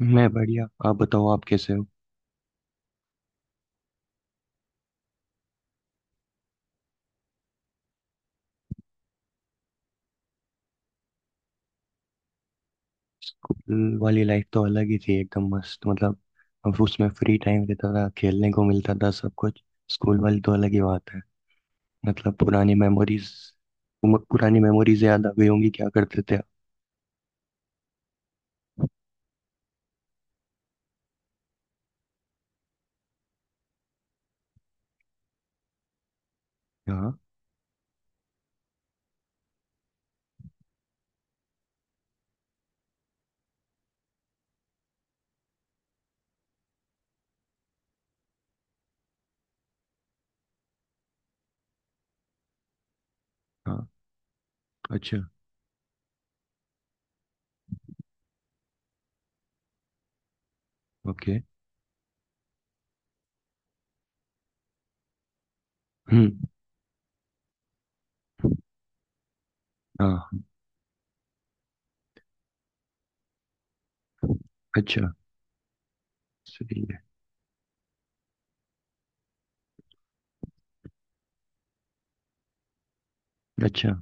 मैं बढ़िया। आप बताओ आप कैसे हो। स्कूल वाली लाइफ तो अलग ही थी, एकदम मस्त, मतलब अब उसमें फ्री टाइम रहता था, खेलने को मिलता था, सब कुछ। स्कूल वाली तो अलग ही बात है, मतलब पुरानी मेमोरीज। पुरानी मेमोरीज याद आ गई होंगी, क्या करते थे आप? हाँ हाँ। अच्छा। ओके। हम्म। हाँ। अच्छा। सही है। अच्छा।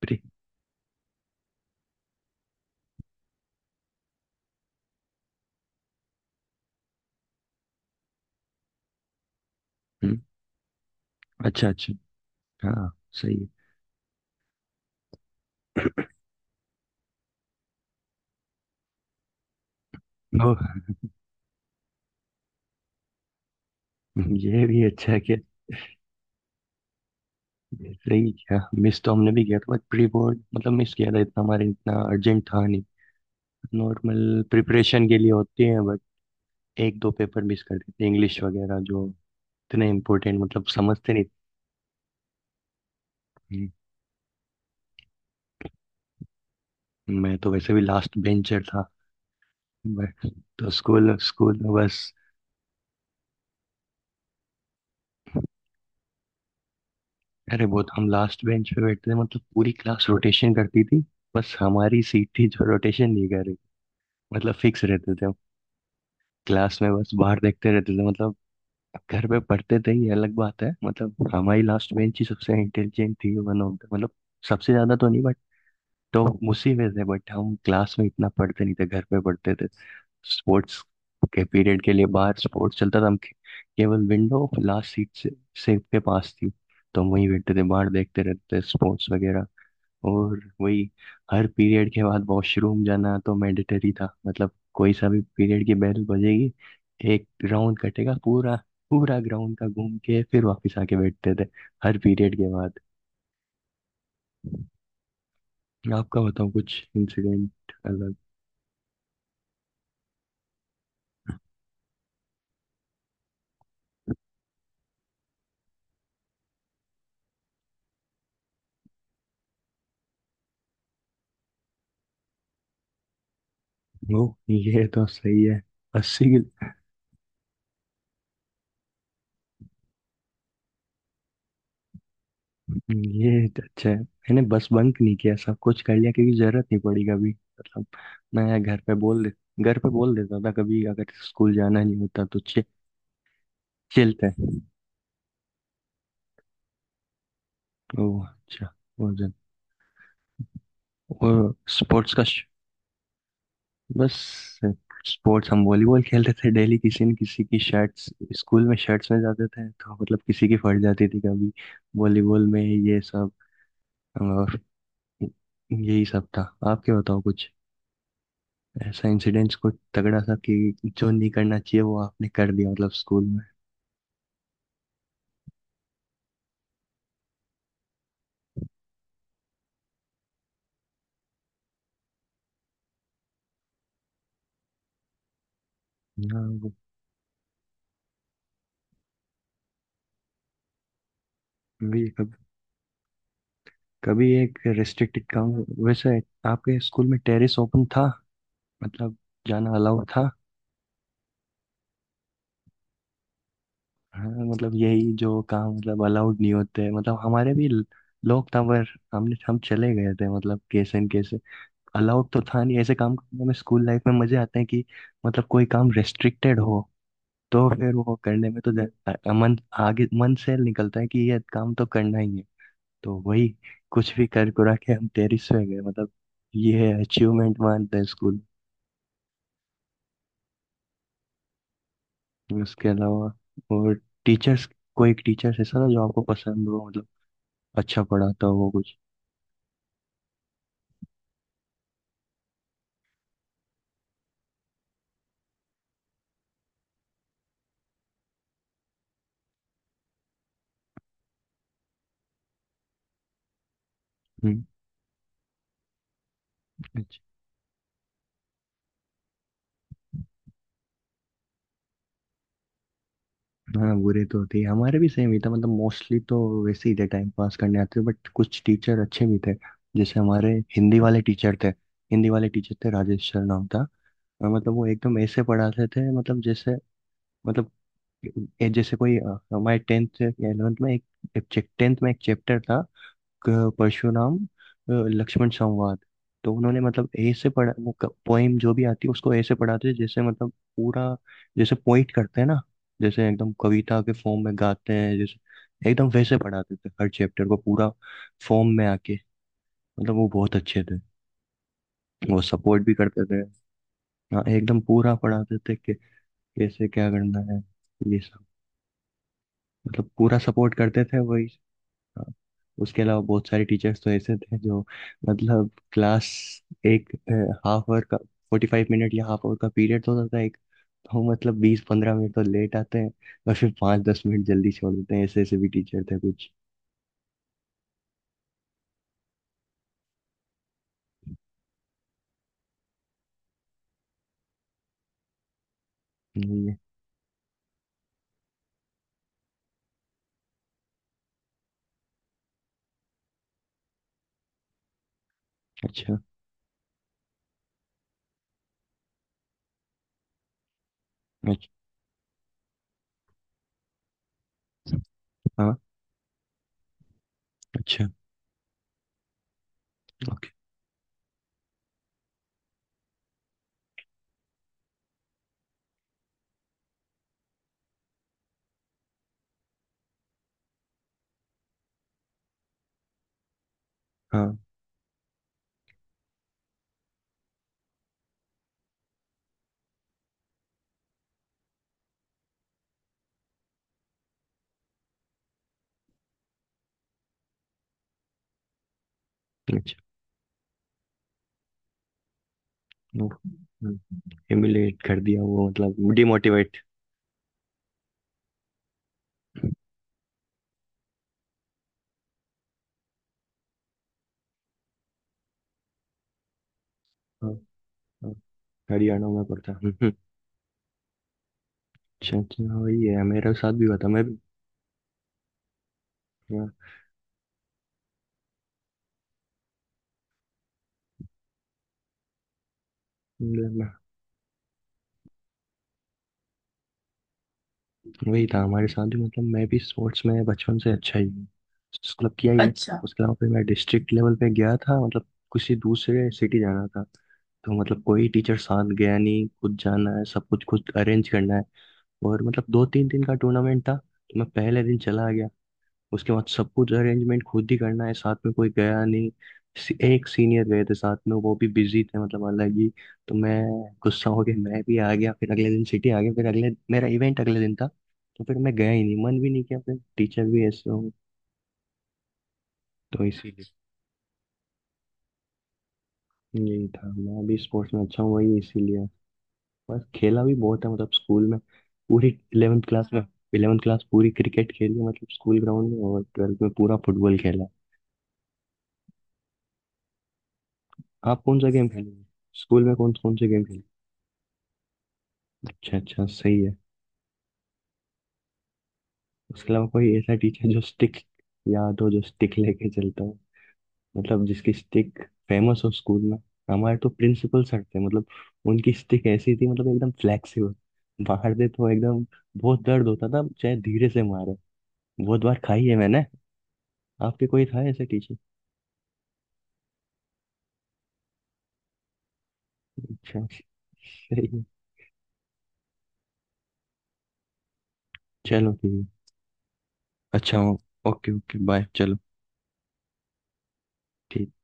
प्री हम्म। अच्छा अच्छा। हाँ। सही है। ओ। ये भी अच्छा है। सही, क्या मिस तो हमने भी किया था, बट प्री बोर्ड मतलब मिस किया था, इतना हमारे इतना अर्जेंट था नहीं, नॉर्मल प्रिपरेशन के लिए होती हैं, बट एक दो पेपर मिस कर देते, इंग्लिश वगैरह जो इतने इम्पोर्टेंट मतलब समझते नहीं थे। मैं तो वैसे भी लास्ट बेंचर था, बट तो स्कूल स्कूल में बस। अरे बहुत, हम लास्ट बेंच पे बैठते थे, मतलब पूरी क्लास रोटेशन करती थी, बस हमारी सीट थी जो रोटेशन नहीं कर रही, मतलब फिक्स रहते थे हम। क्लास में बस बाहर देखते रहते थे, मतलब अब घर में पढ़ते थे ये अलग बात है। मतलब हमारी लास्ट बेंच ही सबसे इंटेलिजेंट थी, वन ऑफ द मतलब, सबसे ज्यादा तो नहीं, बट तो उसी में थे। बट हम क्लास में इतना पढ़ते नहीं थे, घर पे पढ़ते थे। स्पोर्ट्स के पीरियड के लिए बाहर स्पोर्ट्स चलता था, केवल विंडो लास्ट सीट से सेफ के पास थी, तो हम वहीं बैठते थे, बाहर देखते रहते थे स्पोर्ट्स वगैरह। और वही हर पीरियड के बाद वॉशरूम जाना तो मैंडेटरी था, मतलब कोई सा भी पीरियड की बेल बजेगी, एक राउंड कटेगा पूरा, पूरा ग्राउंड का घूम के फिर वापस आके बैठते थे, हर पीरियड के बाद। आपका बताओ कुछ इंसिडेंट अलग। वो ये तो सही है। अस्सी ये तो अच्छा है। मैंने बस बंक नहीं किया, सब कुछ कर लिया, क्योंकि जरूरत नहीं पड़ी कभी। मतलब मैं घर पे बोल दे, घर पे बोल देता था, कभी अगर स्कूल जाना नहीं होता तो चिल थे। ओह अच्छा। वो जन और स्पोर्ट्स का बस स्पोर्ट्स, हम वॉलीबॉल खेलते थे डेली, किसी न किसी की शर्ट्स, स्कूल में शर्ट्स में जाते थे, तो मतलब किसी की फट जाती थी कभी, वॉलीबॉल में ये सब। और यही सब था। आप क्या बताओ कुछ ऐसा इंसिडेंट्स, कुछ तगड़ा सा कि जो नहीं करना चाहिए वो आपने कर दिया, मतलब स्कूल में। हाँ, वो भी, कभी कभी एक रेस्ट्रिक्टेड काम। वैसे आपके स्कूल में टेरेस ओपन था, मतलब जाना अलाउड था? हाँ, मतलब यही जो काम मतलब अलाउड नहीं होते, मतलब हमारे भी लोग था, पर हमने, हम चले गए थे मतलब कैसे न कैसे। अलाउड तो था नहीं ऐसे काम करने में, स्कूल लाइफ में मजे आते हैं कि मतलब कोई काम रेस्ट्रिक्टेड हो तो फिर वो करने में तो मन आगे, मन से निकलता है कि ये काम तो करना ही है। तो वही, कुछ भी कर कुरा के हम टेरिस पे गए, मतलब ये अचीवमेंट मानते हैं स्कूल। उसके अलावा और टीचर्स, कोई टीचर्स ऐसा था जो आपको पसंद हो, मतलब अच्छा पढ़ाता हो वो कुछ? हम्म। अच्छा। हाँ, बुरे तो होते ही, हमारे भी सेम ही था, मतलब मोस्टली तो वैसे ही थे, टाइम पास करने आते थे। बट कुछ टीचर अच्छे भी थे, जैसे हमारे हिंदी वाले टीचर थे। हिंदी वाले टीचर थे, राजेश सर नाम था। मतलब वो एकदम ऐसे पढ़ाते थे, मतलब जैसे, मतलब जैसे कोई, हमारे 10th या 11th में, एक 10th में एक चैप्टर था, परशुराम, लक्ष्मण संवाद, तो उन्होंने मतलब ए से पढ़ा वो। पोएम जो भी आती है उसको ए से पढ़ाते थे, जैसे मतलब पूरा, जैसे पोइट करते हैं ना, जैसे एकदम कविता के फॉर्म में गाते हैं, जैसे एकदम वैसे पढ़ाते थे हर चैप्टर को, पूरा फॉर्म में आके, मतलब वो बहुत अच्छे थे। वो सपोर्ट भी करते थे। हाँ एकदम पूरा पढ़ाते थे कि कैसे क्या करना है, ये सब, मतलब पूरा सपोर्ट करते थे वही। हाँ, उसके अलावा बहुत सारे टीचर्स तो ऐसे थे जो, मतलब क्लास, एक हाफ आवर का, 45 मिनट या हाफ आवर का पीरियड होता था एक, तो मतलब बीस पंद्रह मिनट तो लेट आते हैं, और फिर पाँच दस मिनट जल्दी छोड़ देते हैं, ऐसे ऐसे भी टीचर थे कुछ। नहीं है। अच्छा अच्छा। हाँ। अच्छा। ओके। हाँ। अच्छा। ओ, humiliate कर दिया वो, मतलब डिमोटिवेट। हाँ। हाँ, हरियाणा में पड़ता है। हम्म। अच्छा अच्छा। हाँ, वही है, मेरे साथ भी हुआ था मैं भी। हाँ, वही था हमारे साथ भी, मतलब मैं भी स्पोर्ट्स में बचपन से अच्छा ही हूँ, क्लब किया ही है अच्छा, उसके अलावा फिर मैं डिस्ट्रिक्ट लेवल पे गया था, मतलब किसी दूसरे सिटी जाना था, तो मतलब कोई टीचर साथ गया नहीं, खुद जाना है, सब कुछ खुद अरेंज करना है, और मतलब दो तीन दिन का टूर्नामेंट था, तो मैं पहले दिन चला गया। उसके बाद सब कुछ अरेंजमेंट खुद ही करना है, साथ में कोई गया नहीं, एक सीनियर गए थे साथ में, वो भी बिजी थे, मतलब अलग ही। तो मैं गुस्सा हो गया, मैं भी आ गया, फिर अगले दिन सिटी आ गया, फिर अगले, मेरा इवेंट अगले दिन था, तो फिर मैं गया ही नहीं, मन भी नहीं किया, फिर टीचर भी ऐसे हो, तो इसीलिए। यही था, मैं भी स्पोर्ट्स में अच्छा हूँ, वही इसीलिए। बस खेला भी बहुत है, मतलब स्कूल में, पूरी इलेवेंथ क्लास में, इलेवेंथ क्लास पूरी क्रिकेट खेली है, मतलब स्कूल ग्राउंड में, और ट्वेल्थ में पूरा फुटबॉल खेला। आप कौन सा गेम खेले, स्कूल में कौन कौन से गेम खेले? अच्छा अच्छा, सही है। उसके अलावा कोई ऐसा टीचर जो स्टिक याद हो, जो स्टिक लेके चलता हो, मतलब जिसकी स्टिक फेमस हो स्कूल में? हमारे तो प्रिंसिपल सर थे, मतलब उनकी स्टिक ऐसी थी, मतलब एकदम फ्लेक्सिबल, मारते तो एकदम बहुत दर्द होता था चाहे धीरे से मारे, बहुत बार खाई है मैंने। आपके कोई था ऐसे टीचर? अच्छा, सही है। चलो ठीक है। अच्छा, ओके ओके, बाय, चलो ठीक